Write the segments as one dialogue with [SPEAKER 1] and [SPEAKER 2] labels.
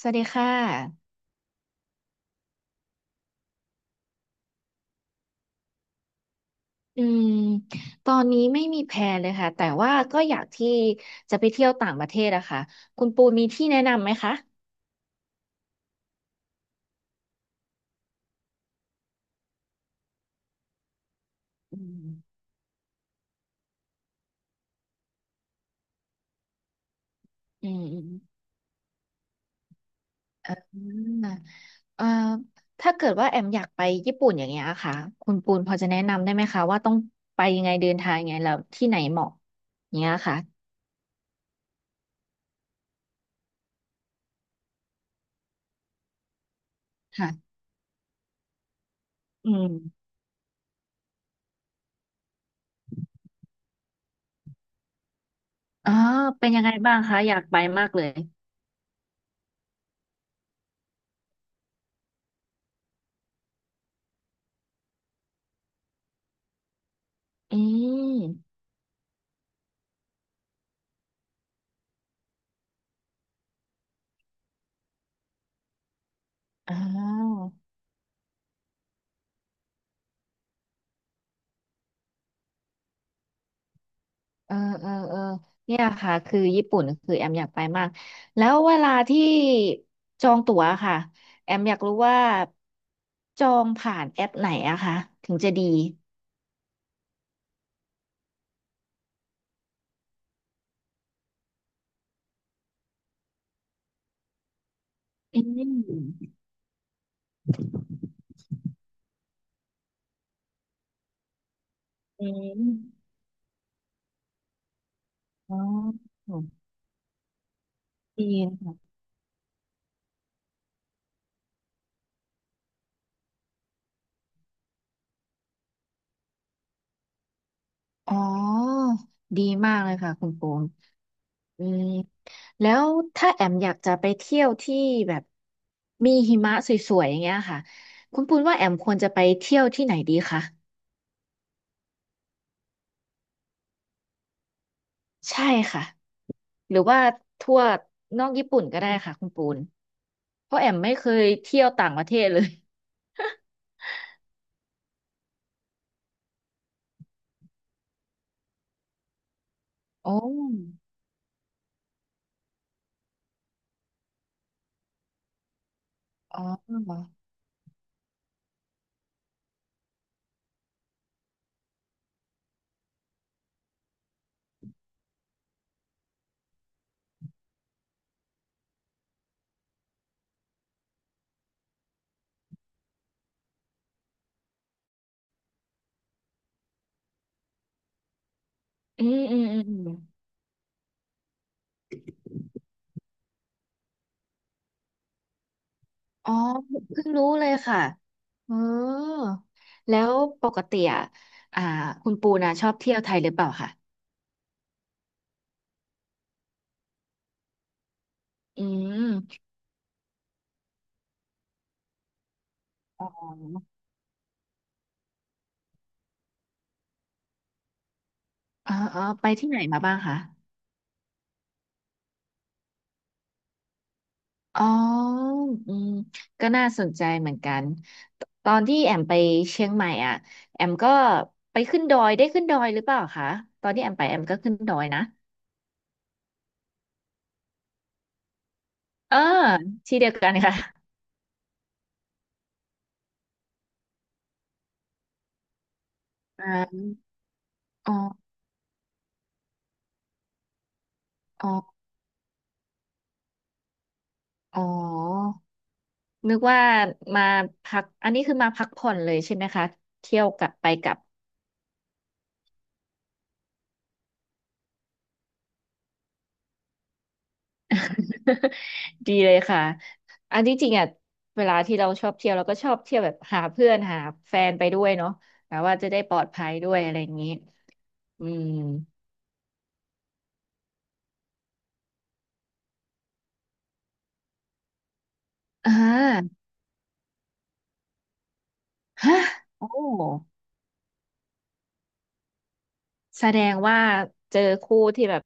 [SPEAKER 1] สวัสดีค่ะอืมตอนนี้ไม่มีแพลนเลยค่ะ แต่ว่าก็อยากที่จะไปเที่ยวต่างประเทศอะค่ะคุณปูมีที่แนะนำไหมคะอืมอืมอืมอืมเอ่อถ้าเกิดว่าแอมอยากไปญี่ปุ่นอย่างเงี้ยค่ะคุณปูนพอจะแนะนำได้ไหมคะว่าต้องไปยังไงเดินทางยังไงแล้วที่ไหนเหมาะอย่างเงี้ยค่ะค่ะอืมอ๋อเป็นยังไงบ้างคะอยากไปมากเลยอืมอ๋อ เออเออเออเนี่ยค่ะคือญี่ปุ่นคือแอมอยากไปมากแล้วเวลาที่จองตั๋วค่ะแอมอยากรู้ว่าจองผ่านแอปไหนอะคะถึงจะดีอืมอืมอ๋อดีนะคะอ๋อดีมากเลยค่ะคุณปูมอืมแล้วถ้าแอมอยากจะไปเที่ยวที่แบบมีหิมะสวยๆอย่างเงี้ยค่ะคุณปูนว่าแอมควรจะไปเที่ยวที่ไหนดีคะใช่ค่ะ หรือว่าทั่วนอกญี่ปุ่นก็ได้ค่ะคุณปูนเพราะแอมไม่เคยเที่ยวต่างประเทศเลยโอ้อ๋ออืมอืมอืมอืมอ๋อเพิ่งรู้เลยค่ะเออแล้วปกติอ่ะอ่าคุณปูนะชอบเที่ยวไทยหรือเปล่าคะอืมอ๋ออ๋ออ๋อ ไปที่ไหนมาบ้างคะ อ๋ออืมก็น่าสนใจเหมือนกันตอนที่แอมไปเชียงใหม่อ่ะแอมก็ไปขึ้นดอยได้ขึ้นดอยหรือเปล่าคะตอนที่แอมไปแอมก็ขึ้นดอยนะเออที่เดียวกันค่ะอ่าอ๋อ อ๋ออ๋อนึกว่ามาพักอันนี้คือมาพักผ่อนเลยใช่ไหมคะ เที่ยวกลับไปกลับ ดีเลยค่ะ อันที่จริงอ่ะ เวลาที่เราชอบเที่ยวเราก็ชอบเที่ยวแบบหาเพื่อนหาแฟนไปด้วยเนาะแบบว่าจะได้ปลอดภัยด้วยอะไรอย่างนี้ อืมอ่าฮะโอ้แสดงว่าเจอคู่ที่แบบ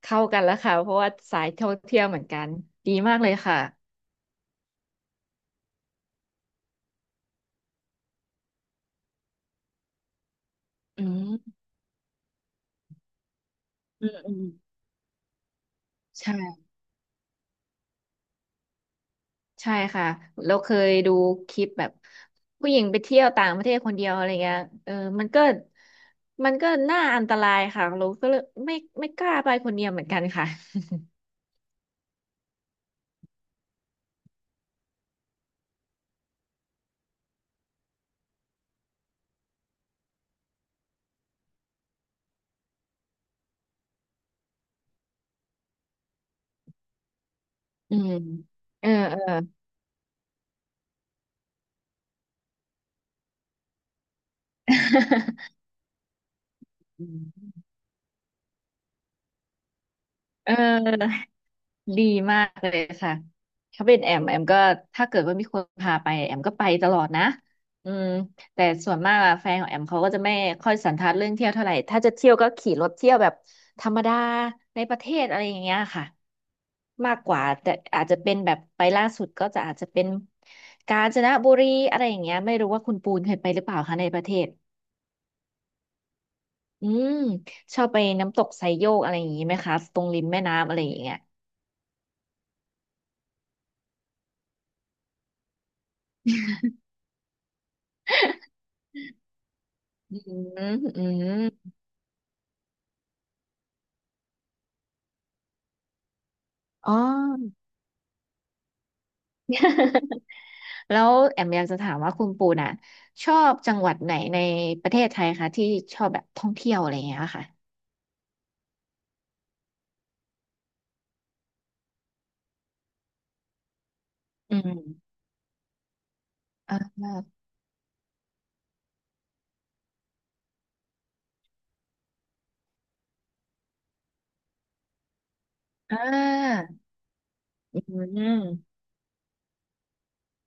[SPEAKER 1] เข้ากันแล้วค่ะ เพราะว่าสายท่องเที่ยวเหมือนกัน ดีมากเลยค่ะ อืมอืมอืมใช่ ใช่ค่ะเราเคยดูคลิปแบบผู้หญิงไปเที่ยวต่างประเทศคนเดียวอะไรเงี้ยเออมันก็มันก็น่าอันตรายค่ะเราก็เลยไม่ไม่กล้าไปคนเดียวเหมือนกันค่ะอืม เออเออ เออ ดีมากเลยค่ะถ้าเป็นแอมแอมก็ถ้าเกิดว่ามีคนพาไปแอมก็ไปตลอดนะอืมแต่ส่วนมากอะแฟนของแอมเขาก็จะไม่ค่อยสันทัดเรื่องเที่ยวเท่าไหร่ถ้าจะเที่ยวก็ขี่รถเที่ยวแบบธรรมดาในประเทศอะไรอย่างเงี้ยค่ะมากกว่าแต่อาจจะเป็นแบบไปล่าสุดก็จะอาจจะเป็นกาญจนบุรีอะไรอย่างเงี้ยไม่รู้ว่าคุณปูนเคยไปหรือเปล่าคะในประเทศอืมชอบไปน้ำตกไซโยกอะไรอย่างงี้ไหมคะตรงริมแม่น้ำอะไรอย่างเงี้ยอืมอืม อ๋อ แล้วแอมอยากจะถามว่าคุณปูน่ะชอบจังหวัดไหนในประเทศไทยคะที่ชอบแบบท่องเที่ยวอะไรอย่างเงี้ยค่ะ อืมอ่าอ่าอืม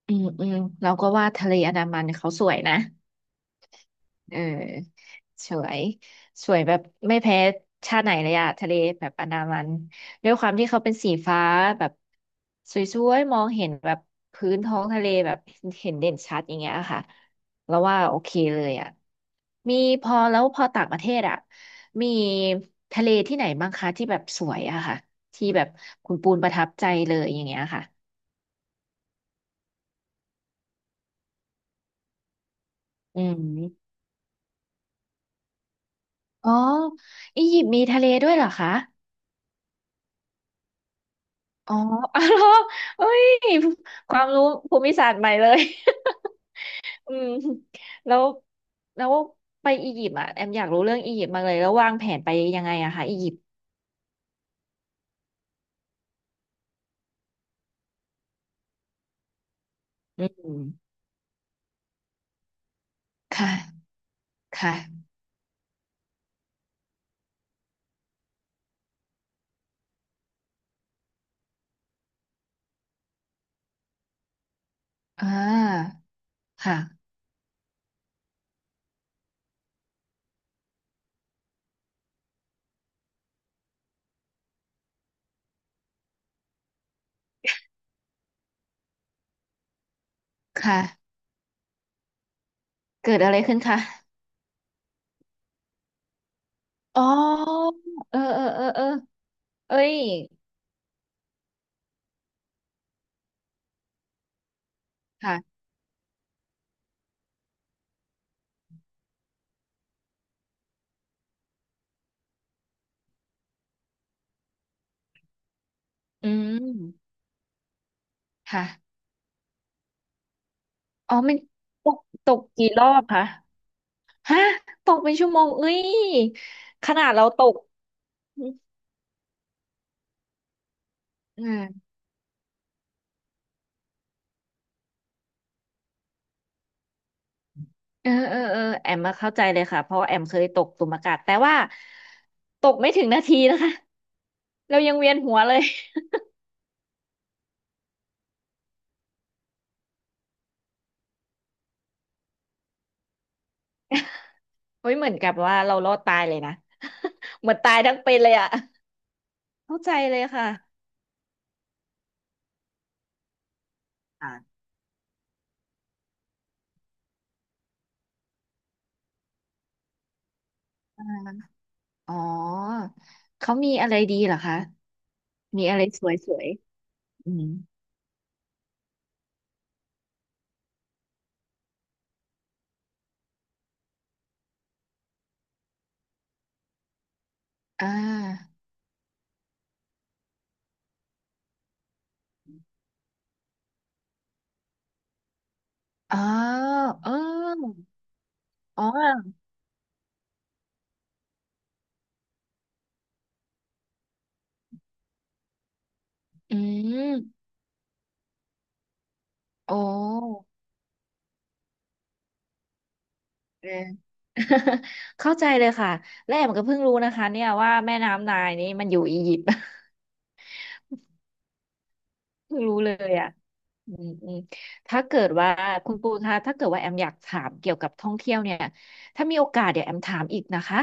[SPEAKER 1] อืม อืมเราก็ว่าทะเลอันดามันเขาสวยนะ เออสวยสวยแบบไม่แพ้ชาติไหนเลยอะทะเลแบบอันดามันด้วยความที่เขาเป็นสีฟ้าแบบสวยๆมองเห็นแบบพื้นท้องทะเลแบบเห็นเด่นชัดอย่างเงี้ยค่ะแล้วว่าโอเคเลยอะมีพอแล้วพอต่างประเทศอะมีทะเลที่ไหนบ้างคะที่แบบสวยอะค่ะที่แบบคุณปูนประทับใจเลยอย่างเงี้ยค่ะอืมอ๋ออียิปต์มีทะเลด้วยเหรอคะ อ๋อ อ๋อเหรอเอ้ยความรู้ภูมิศาสตร์ใหม่เลย อืมแล้วแล้วไปอียิปต์อ่ะแอมอยากรู้เรื่องอียิปต์มากเลยแล้ววางแผนไปยังไงอะคะอียิปต์อืมค่ะค่ะอ่าค่ะ ค่ะ เกิดอะไรขึ้นคะ อ๋อ เออเออเออเออเอ้ย ค่ะอืมค่ะอ๋อมันตกตกกี่รอบคะฮะตกเป็นชั่วโมงเอ้ย ขนาดเราตกอืม เออเออเออแอมมาเข้าใจเลยค่ะเพราะว่าแอมเคยตกตุ่มอากาศแต่ว่าตกไม่ถึงนาทีนะคะ เรายังเวียนหัวเลย เฮ้ยเหมือนกับว่าเรารอดตายเลยนะ เหมือนตายทั้งเป็นเลยอ่ะเข้าใจเลยค่ะอ่าอ๋อเขามีอะไรดีเหรอคะมีอะไรสวยๆอืมอ่าอ๋อเอออ๋ออืมโอ้ เออ เข้าใจเลยค่ะและแอมก็เพิ่งรู้นะคะเนี่ยว่าแม่น้ำไนายนี้มันอยู่อียิปต์ เพิ่งรู้เลยอ่ะอืมอืมถ้าเกิดว่าคุณปูคะถ้าเกิดว่าแอมอยากถามเกี่ยวกับท่องเที่ยวเนี่ยถ้ามีโอกาสเดี๋ยวแอมถามอีกนะคะ